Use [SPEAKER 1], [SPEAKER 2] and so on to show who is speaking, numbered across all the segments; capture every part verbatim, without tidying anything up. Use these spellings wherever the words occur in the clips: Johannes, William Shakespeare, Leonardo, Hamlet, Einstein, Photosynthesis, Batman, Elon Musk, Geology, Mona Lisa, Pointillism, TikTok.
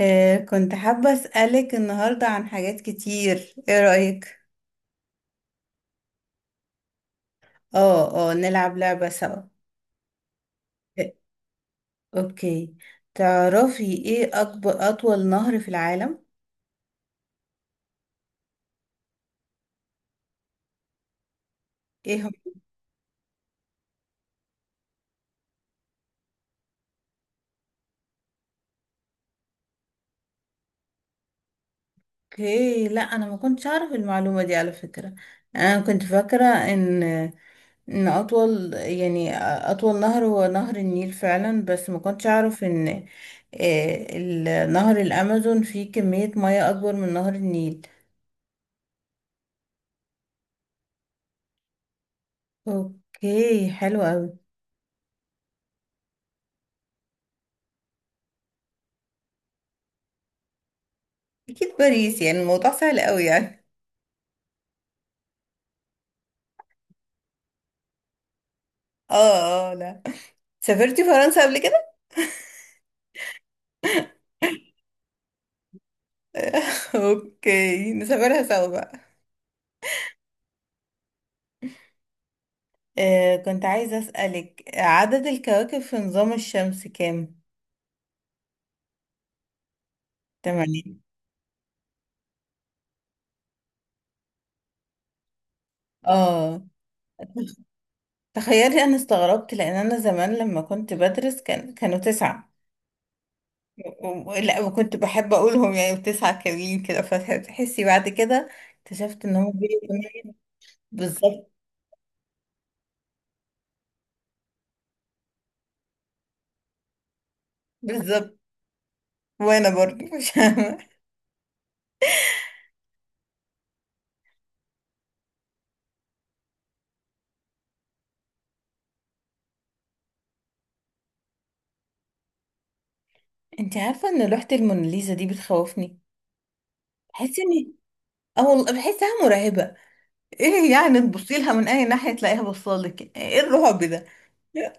[SPEAKER 1] آه كنت حابة أسألك النهاردة عن حاجات كتير، ايه رأيك؟ اه اه، نلعب لعبة سوا. آه، اوكي. تعرفي ايه أكبر أطول نهر في العالم؟ ايه هو؟ اوكي، لا أنا ما كنتش أعرف المعلومة دي على فكرة. أنا كنت فاكرة إن إن أطول يعني أطول نهر هو نهر النيل فعلا، بس ما كنتش أعرف إن آه، نهر الأمازون فيه كمية مياه أكبر من نهر النيل. اوكي حلو أوي. اكيد باريس، يعني الموضوع سهل قوي يعني. اه اه، لا. سافرتي فرنسا قبل كده؟ اوكي نسافرها سوا بقى. آه كنت عايزة اسألك عدد الكواكب في نظام الشمس كام. تمانية؟ اه. تخيلي انا استغربت، لان انا زمان لما كنت بدرس كان كانوا تسعة، و- و- لا، وكنت بحب اقولهم يعني تسعة كاملين كده، فتحسي بعد كده اكتشفت ان هم بيقولوا تمانية. بالظبط. بالظبط. وانا برضو مش انت عارفه ان لوحه الموناليزا دي بتخوفني؟ بحس ان اه، والله بحسها مرعبه. ايه يعني؟ تبصي لها من اي ناحيه تلاقيها بصالك، ايه الرعب ده؟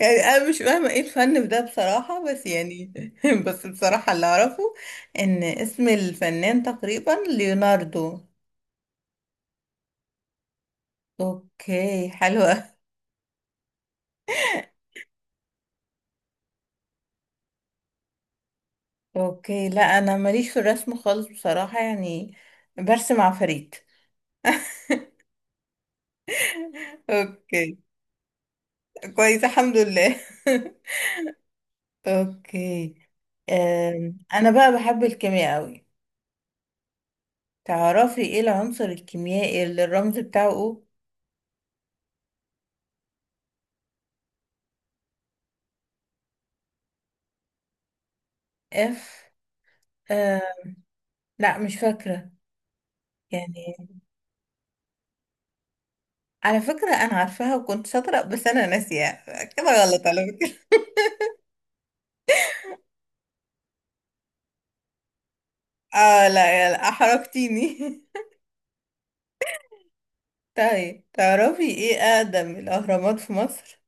[SPEAKER 1] يعني انا مش فاهمه ايه الفن في ده بصراحه، بس يعني بس بصراحه اللي اعرفه ان اسم الفنان تقريبا ليوناردو. اوكي حلوه. اوكي لا، انا ماليش في الرسم خالص بصراحه يعني. برسم عفاريت. اوكي. كويس الحمد لله. اوكي. أم، انا بقى بحب الكيمياء قوي. تعرفي ايه العنصر الكيميائي اللي الرمز بتاعه او؟ اف. أه، لا مش فاكرة. يعني على فكرة انا عارفاها وكنت شاطرة، بس انا ناسيها كده غلط على فكرة. اه لا، يلا احرجتيني. طيب تعرفي ايه اقدم الاهرامات في مصر؟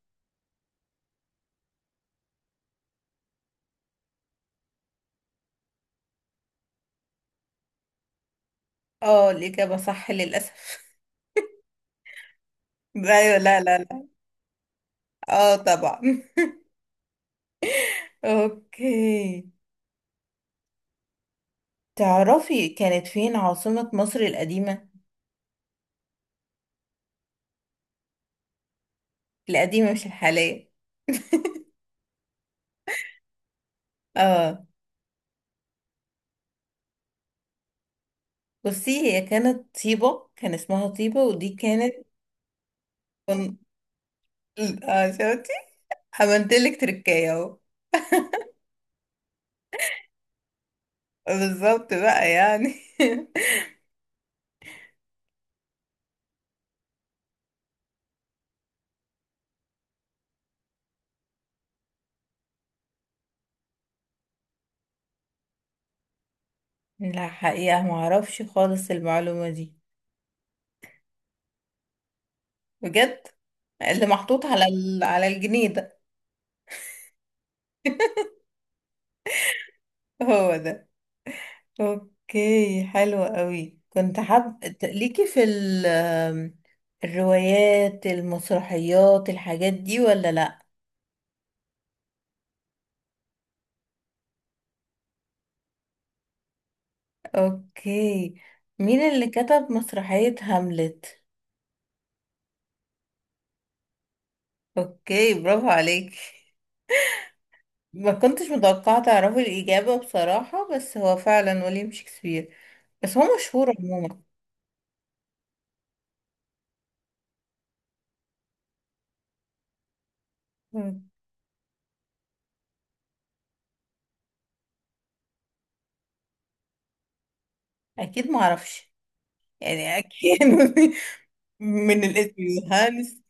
[SPEAKER 1] اه الاجابة صح، للاسف. ايوه، لا لا لا. اه طبعا. اوكي. تعرفي كانت فين عاصمة مصر القديمة؟ القديمة مش الحالية. اه. بصي هي كانت طيبة، كان اسمها طيبة، ودي كانت كن- اه شفتي؟ عملتلك تركاية اهو. بالظبط بقى يعني. لا حقيقة معرفش خالص المعلومة دي. بجد. اللي محطوط على ال... على الجنيه ده. هو ده. اوكي حلوة قوي. كنت حاب ت- ليكي في ال آم، الروايات، المسرحيات، الحاجات دي ولا لا؟ اوكي. مين اللي كتب مسرحية هاملت؟ اوكي برافو عليك. ما كنتش متوقعة تعرفي الإجابة بصراحة، بس هو فعلا ويليام شكسبير. بس هو مشهور عموما. مم. أكيد معرفش. يعني أكيد. من الاسم يوهانس.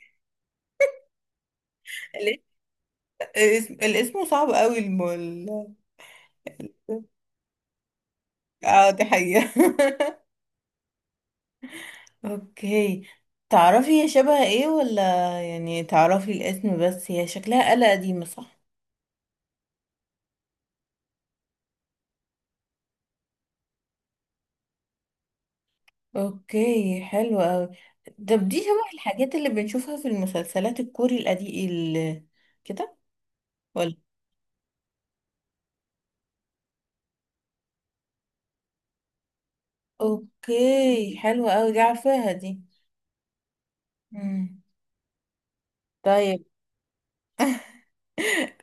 [SPEAKER 1] الاسم الاسم صعب قوي الم... اه دي حقيقة. اوكي. تعرفي هي شبه ايه ولا؟ يعني تعرفي الاسم، بس هي شكلها آلة قديمة، صح؟ اوكي حلو اوي. طب دي شبه الحاجات اللي بنشوفها في المسلسلات الكوري القديم ال... كده ولا؟ اوكي حلو اوي، دي عارفاها دي. مم. طيب.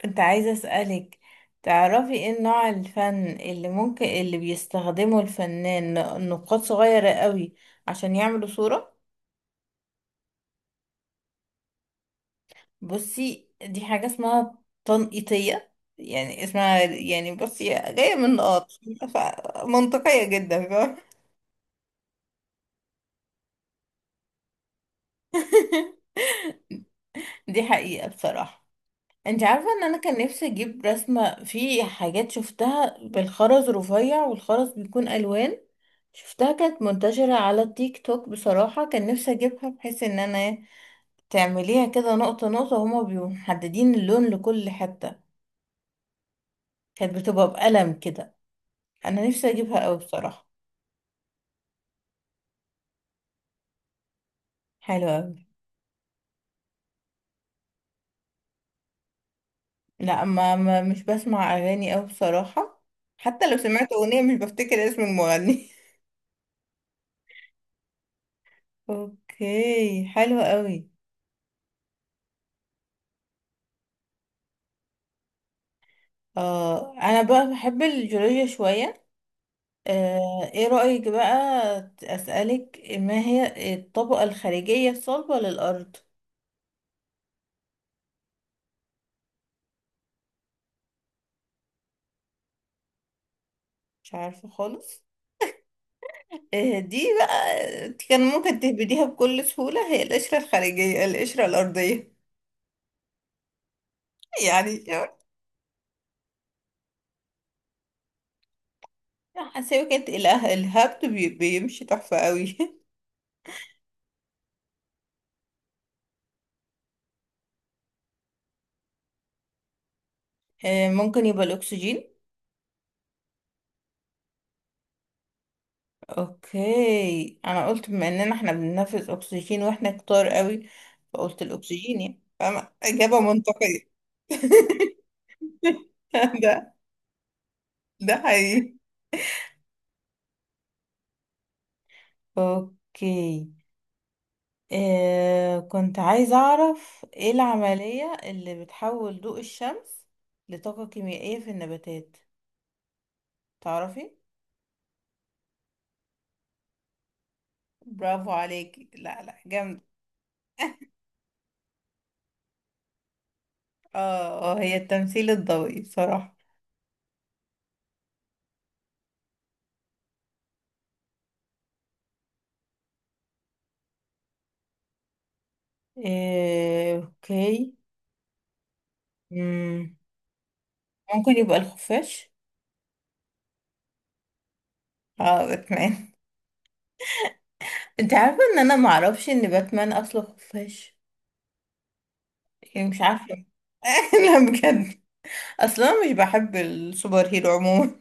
[SPEAKER 1] انت عايزة اسألك. تعرفي ايه نوع الفن اللي ممكن اللي بيستخدمه الفنان نقاط صغيرة قوي عشان يعملوا صورة؟ بصي دي حاجة اسمها تنقيطية، يعني اسمها يعني بصي جاية من نقاط. ف- منطقية جدا، فاهمة؟ دي حقيقة بصراحة. انت عارفة ان انا كان نفسي اجيب رسمة؟ في حاجات شفتها بالخرز رفيع، والخرز بيكون الوان. شفتها كانت منتشرة على التيك توك بصراحة. كان نفسي اجيبها بحيث ان انا تعمليها كده نقطة نقطة، هما بيبقوا محددين اللون لكل حتة. كانت بتبقى بقلم كده. انا نفسي اجيبها اوي بصراحة. حلوة أوي. لا ما ما- مش بسمع اغاني أوي بصراحة. حتى لو سمعت اغنية مش بفتكر اسم المغني. اوكي حلو قوي. اه انا بقى بحب الجيولوجيا شوية. آه، ايه رأيك بقى اسألك ما هي الطبقة الخارجية الصلبة للأرض؟ مش عارفة خالص؟ آه، دي بقى كان ممكن تهبديها بكل سهولة، هي القشرة الخارجية، القشرة الأرضية. يعني حاسة كانت الهبت بي- بيمشي تحفة قوي. آه، ممكن يبقى الاكسجين. اوكي، انا قلت بما اننا احنا بننفذ اكسجين واحنا كتار قوي، فقلت الاكسجين، يعني فاهمة؟ اجابة منطقية. ده ده حقيقي. اوكي. آه كنت عايزة اعرف ايه العملية اللي بتحول ضوء الشمس لطاقة كيميائية في النباتات؟ تعرفي؟ برافو عليكي، لا لا جامد. اه آه، هي التمثيل الضوئي بصراحة. آه، اوكي. مم. ممكن يبقى الخفاش. اه باتمان. انت عارفة ان انا معرفش ان باتمان اصله خفاش؟ يعني مش عارفة. لا بجد. اصلا انا مش بحب السوبر هيرو عموما.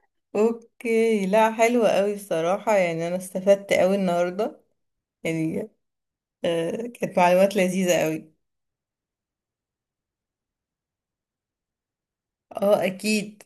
[SPEAKER 1] اوكي لا، حلوة قوي الصراحة. يعني انا استفدت قوي النهاردة يعني. آه كانت معلومات لذيذة قوي. اه اكيد.